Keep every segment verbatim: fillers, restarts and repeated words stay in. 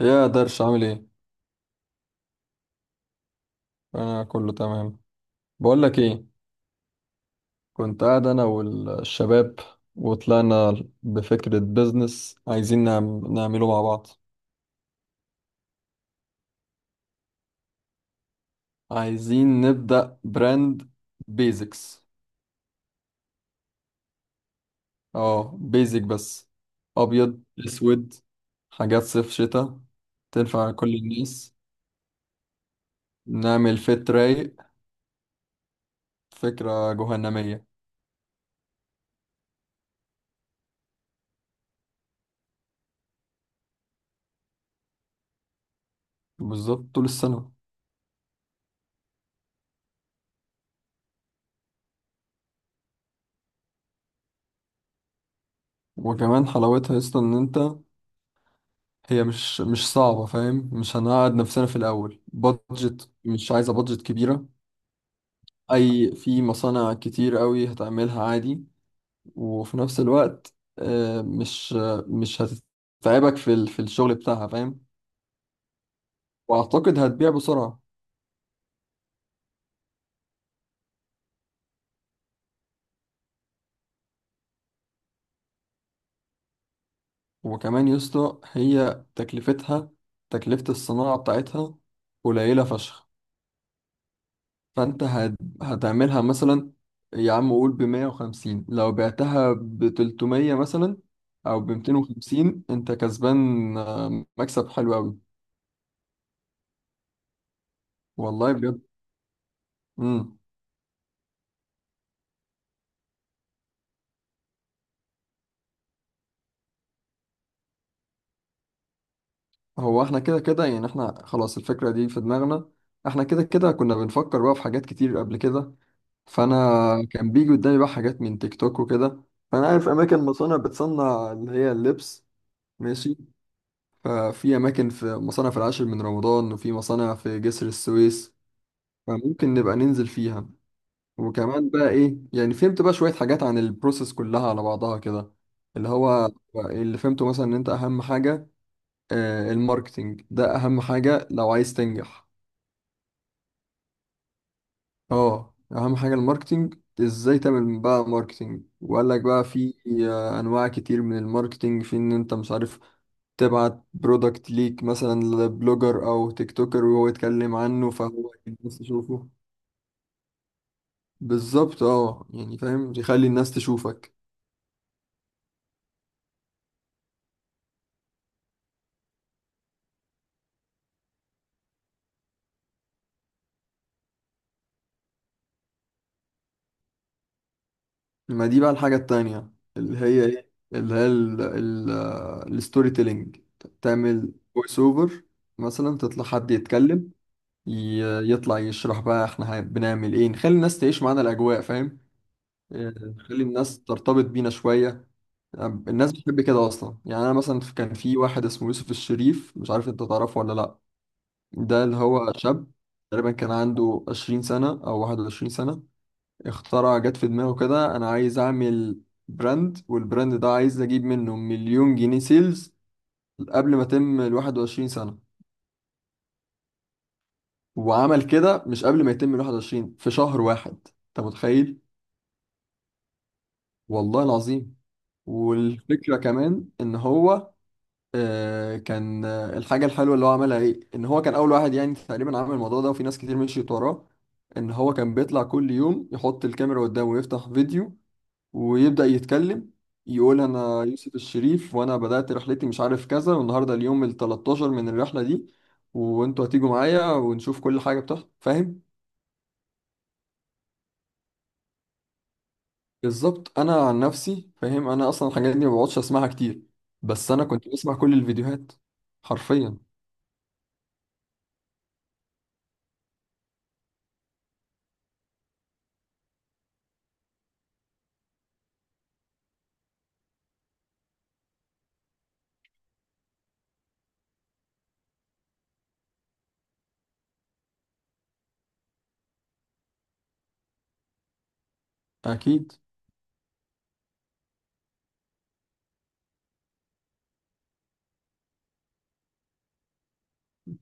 يا درش عامل ايه؟ انا كله تمام. بقول لك ايه، كنت قاعد انا والشباب وطلعنا بفكرة بيزنس عايزين نعم- نعمله مع بعض. عايزين نبدأ براند بيزكس. اه بيزك بس. ابيض اسود، حاجات صيف شتاء، تنفع كل الناس. نعمل فت رايق، فكرة جهنمية. بالظبط طول السنة. وكمان حلاوتها اصلا ان انت، هي مش مش صعبة، فاهم؟ مش هنقعد نفسنا في الأول، بادجت مش عايزة بادجت كبيرة. أي في مصانع كتير قوي هتعملها عادي، وفي نفس الوقت آه، مش آه، مش هتتعبك في ال- في الشغل بتاعها، فاهم؟ وأعتقد هتبيع بسرعة. وكمان يسطا هي تكلفتها، تكلفة الصناعة بتاعتها قليلة فشخ. فانت هت... هتعملها مثلا، يا عم قول ب مية وخمسين، لو بعتها ب تلتمية مثلا او ب ميتين وخمسين انت كسبان، آه، مكسب حلو قوي. والله بجد. امم هو احنا كده كده يعني، احنا خلاص الفكرة دي في دماغنا، احنا كده كده كنا بنفكر بقى في حاجات كتير قبل كده. فانا كان بيجي قدامي بقى حاجات من تيك توك وكده، فانا عارف اماكن مصانع بتصنع اللي هي اللبس. ماشي، ففي اماكن، في مصانع في العاشر من رمضان، وفي مصانع في جسر السويس، فممكن نبقى ننزل فيها. وكمان بقى ايه، يعني فهمت بقى شوية حاجات عن البروسيس كلها على بعضها كده. اللي هو اللي فهمته مثلا ان انت اهم حاجة، آه، الماركتينج ده اهم حاجة لو عايز تنجح. اه اهم حاجة الماركتينج. ازاي تعمل بقى ماركتينج؟ وقال لك بقى في آه، انواع كتير من الماركتينج، في ان انت مش عارف تبعت برودكت ليك مثلا لبلوجر او تيك توكر وهو يتكلم عنه فهو الناس تشوفه. بالظبط اه يعني فاهم، يخلي الناس تشوفك. ما دي بقى الحاجة التانية، اللي هي ايه، اللي هي ال- ال- الستوري تيلينج. تعمل فويس اوفر، مثلا تطلع حد يتكلم، ي- يطلع يشرح بقى احنا هن- بنعمل ايه، نخلي الناس تعيش معانا الاجواء، فاهم؟ إيه، نخلي الناس ترتبط بينا شوية. يعني الناس بتحب كده اصلا، يعني انا مثلا في- كان في واحد اسمه يوسف الشريف، مش عارف انت تعرفه ولا لا. ده اللي هو شاب تقريبا كان عنده عشرين سنة او واحد وعشرين سنة، اخترع جت في دماغه كده انا عايز اعمل براند، والبراند ده عايز اجيب منه مليون جنيه سيلز قبل ما يتم ال واحد وعشرين سنة. وعمل كده مش قبل ما يتم ال واحد وعشرين في شهر واحد. انت متخيل؟ والله العظيم. والفكرة كمان ان هو آه كان آه، الحاجة الحلوة اللي هو عملها ايه، ان هو كان اول واحد يعني تقريبا عمل الموضوع ده وفي ناس كتير مشيت وراه. ان هو كان بيطلع كل يوم يحط الكاميرا قدامه ويفتح فيديو ويبدأ يتكلم، يقول أنا يوسف الشريف وأنا بدأت رحلتي مش عارف كذا، والنهاردة اليوم ال تلتاشر من الرحلة دي، وأنتوا هتيجوا معايا ونشوف كل حاجة بتحصل، فاهم؟ بالظبط. أنا عن نفسي فاهم، أنا أصلا الحاجات دي ما بقعدش أسمعها كتير، بس أنا كنت بسمع كل الفيديوهات حرفيا. أكيد.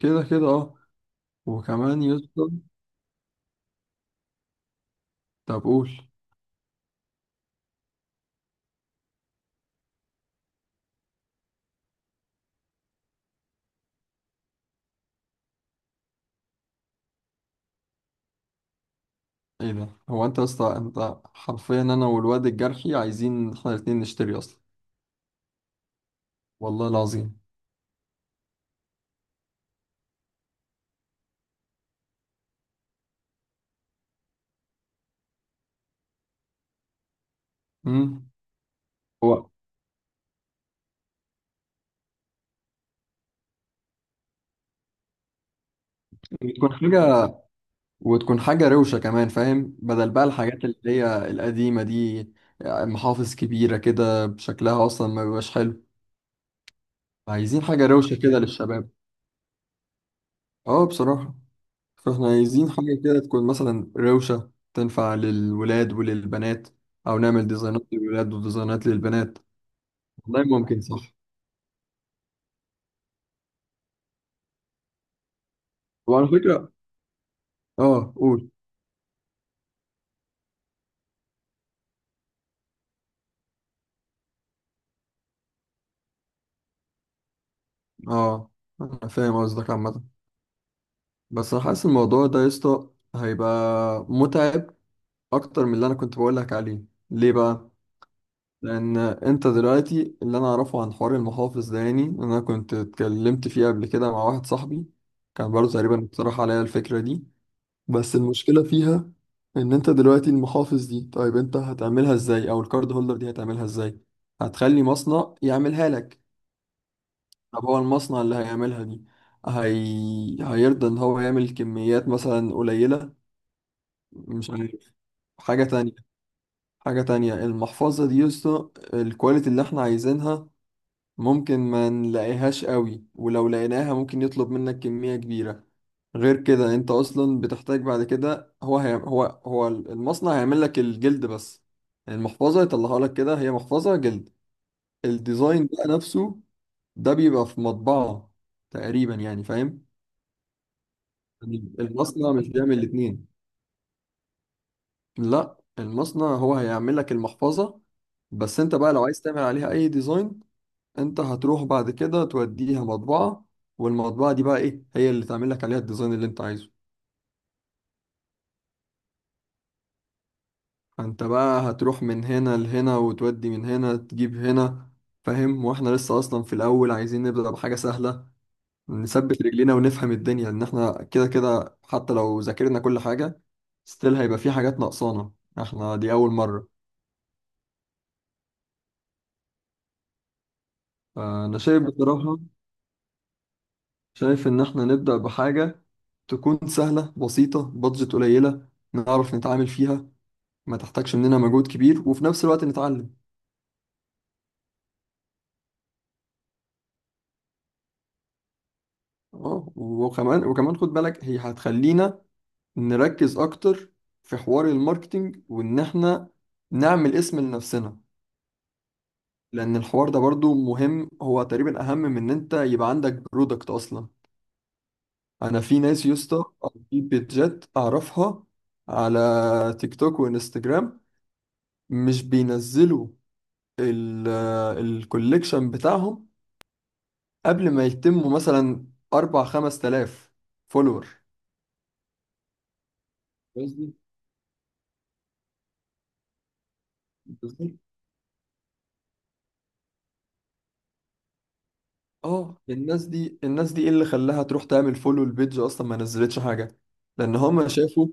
كده كده أه. وكمان يا اسطى، طب قول. إيه ده؟ هو أنت يا اسطى، أنت حرفيا أنا والواد الجرحي عايزين إحنا الاتنين نشتري أصلا. والله العظيم. امم وتكون حاجة، وتكون حاجة روشة كمان، فاهم؟ بدل بقى الحاجات اللي هي القديمة دي، محافظ كبيرة كده بشكلها أصلا ما بيبقاش حلو. عايزين حاجة روشة كده للشباب. اه بصراحة. فاحنا عايزين حاجة كده تكون مثلا روشة، تنفع للولاد وللبنات، أو نعمل ديزاينات للولاد وديزاينات للبنات. والله ممكن صح. وعلى فكرة، اه قول. اه أنا فاهم قصدك عامة. بس أنا حاسس الموضوع ده يا اسطى هيبقى متعب اكتر من اللي انا كنت بقولك عليه. ليه بقى؟ لان انت دلوقتي، اللي انا اعرفه عن حوار المحافظ ده، يعني إن انا كنت اتكلمت فيه قبل كده مع واحد صاحبي، كان برضه تقريبا اقترح عليا الفكرة دي. بس المشكلة فيها ان انت دلوقتي المحافظ دي طيب انت هتعملها ازاي، او الكارد هولدر دي هتعملها ازاي؟ هتخلي مصنع يعملها لك. طب هو المصنع اللي هيعملها دي هي... هيرضى ان هو يعمل كميات مثلا قليلة؟ مش عارف. حاجة تانية، حاجة تانية، المحفظة دي يا اسطى، الكواليتي اللي احنا عايزينها ممكن ما نلاقيهاش قوي، ولو لقيناها ممكن يطلب منك كمية كبيرة. غير كده انت اصلا بتحتاج بعد كده، هو هي هو هو المصنع هيعمل لك الجلد بس، المحفظة يطلعها لك كده، هي محفظة جلد. الديزاين بقى نفسه ده بيبقى في مطبعة تقريبا، يعني فاهم؟ يعني المصنع مش بيعمل الاتنين، لا المصنع هو هيعمل لك المحفظة بس، انت بقى لو عايز تعمل عليها اي ديزاين انت هتروح بعد كده توديها مطبعة، والمطبعة دي بقى ايه هي اللي تعمل لك عليها الديزاين اللي انت عايزه. فانت بقى هتروح من هنا لهنا، وتودي من هنا تجيب هنا، فاهم؟ واحنا لسه اصلا في الاول عايزين نبدأ بحاجة سهلة، نثبت رجلينا ونفهم الدنيا. ان احنا كده كده حتى لو ذاكرنا كل حاجة ستيل هيبقى في حاجات ناقصانا، احنا دي اول مرة. فانا شايف بصراحة، شايف ان احنا نبدأ بحاجة تكون سهلة بسيطة، بادجت قليلة نعرف نتعامل فيها، ما تحتاجش مننا مجهود كبير، وفي نفس الوقت نتعلم. اه وكمان وكمان خد بالك هي هتخلينا نركز اكتر في حوار الماركتينج، وان احنا نعمل اسم لنفسنا. لان الحوار ده برضو مهم، هو تقريبا اهم من ان انت يبقى عندك برودكت اصلا. انا في ناس يا اسطى، أو في بيتجات اعرفها على تيك توك وانستجرام مش بينزلوا الكوليكشن بتاعهم قبل ما يتموا مثلا اربع خمس تلاف فولور. الناس دي الناس دي اه الناس دي، الناس دي ايه اللي خلاها تروح تعمل فولو البيج اصلا ما نزلتش حاجه؟ لان هما شافوا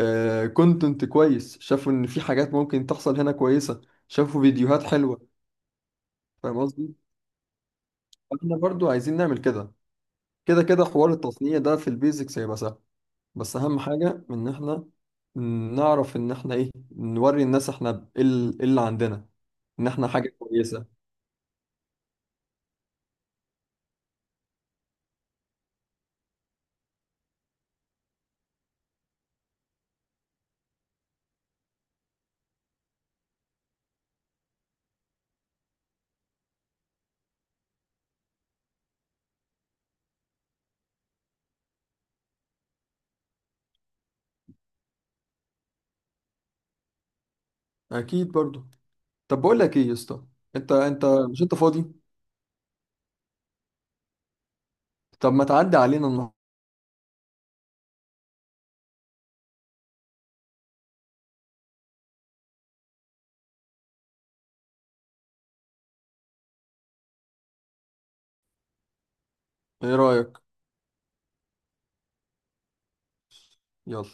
آه كونتنت كويس، شافوا ان في حاجات ممكن تحصل هنا كويسه، شافوا فيديوهات حلوه. فاهم قصدي؟ احنا برضو عايزين نعمل كده. كده كده حوار التصنيع ده في البيزكس هيبقى سهل، بس اهم حاجه ان احنا نعرف ان احنا ايه، نوري الناس احنا ب- ايه ال- إيه اللي عندنا، ان احنا حاجه كويسه. اكيد برضو. طب بقول لك ايه يا اسطى، انت انت مش انت فاضي؟ طب ما تعدي علينا النهارده، ايه رأيك؟ يلا.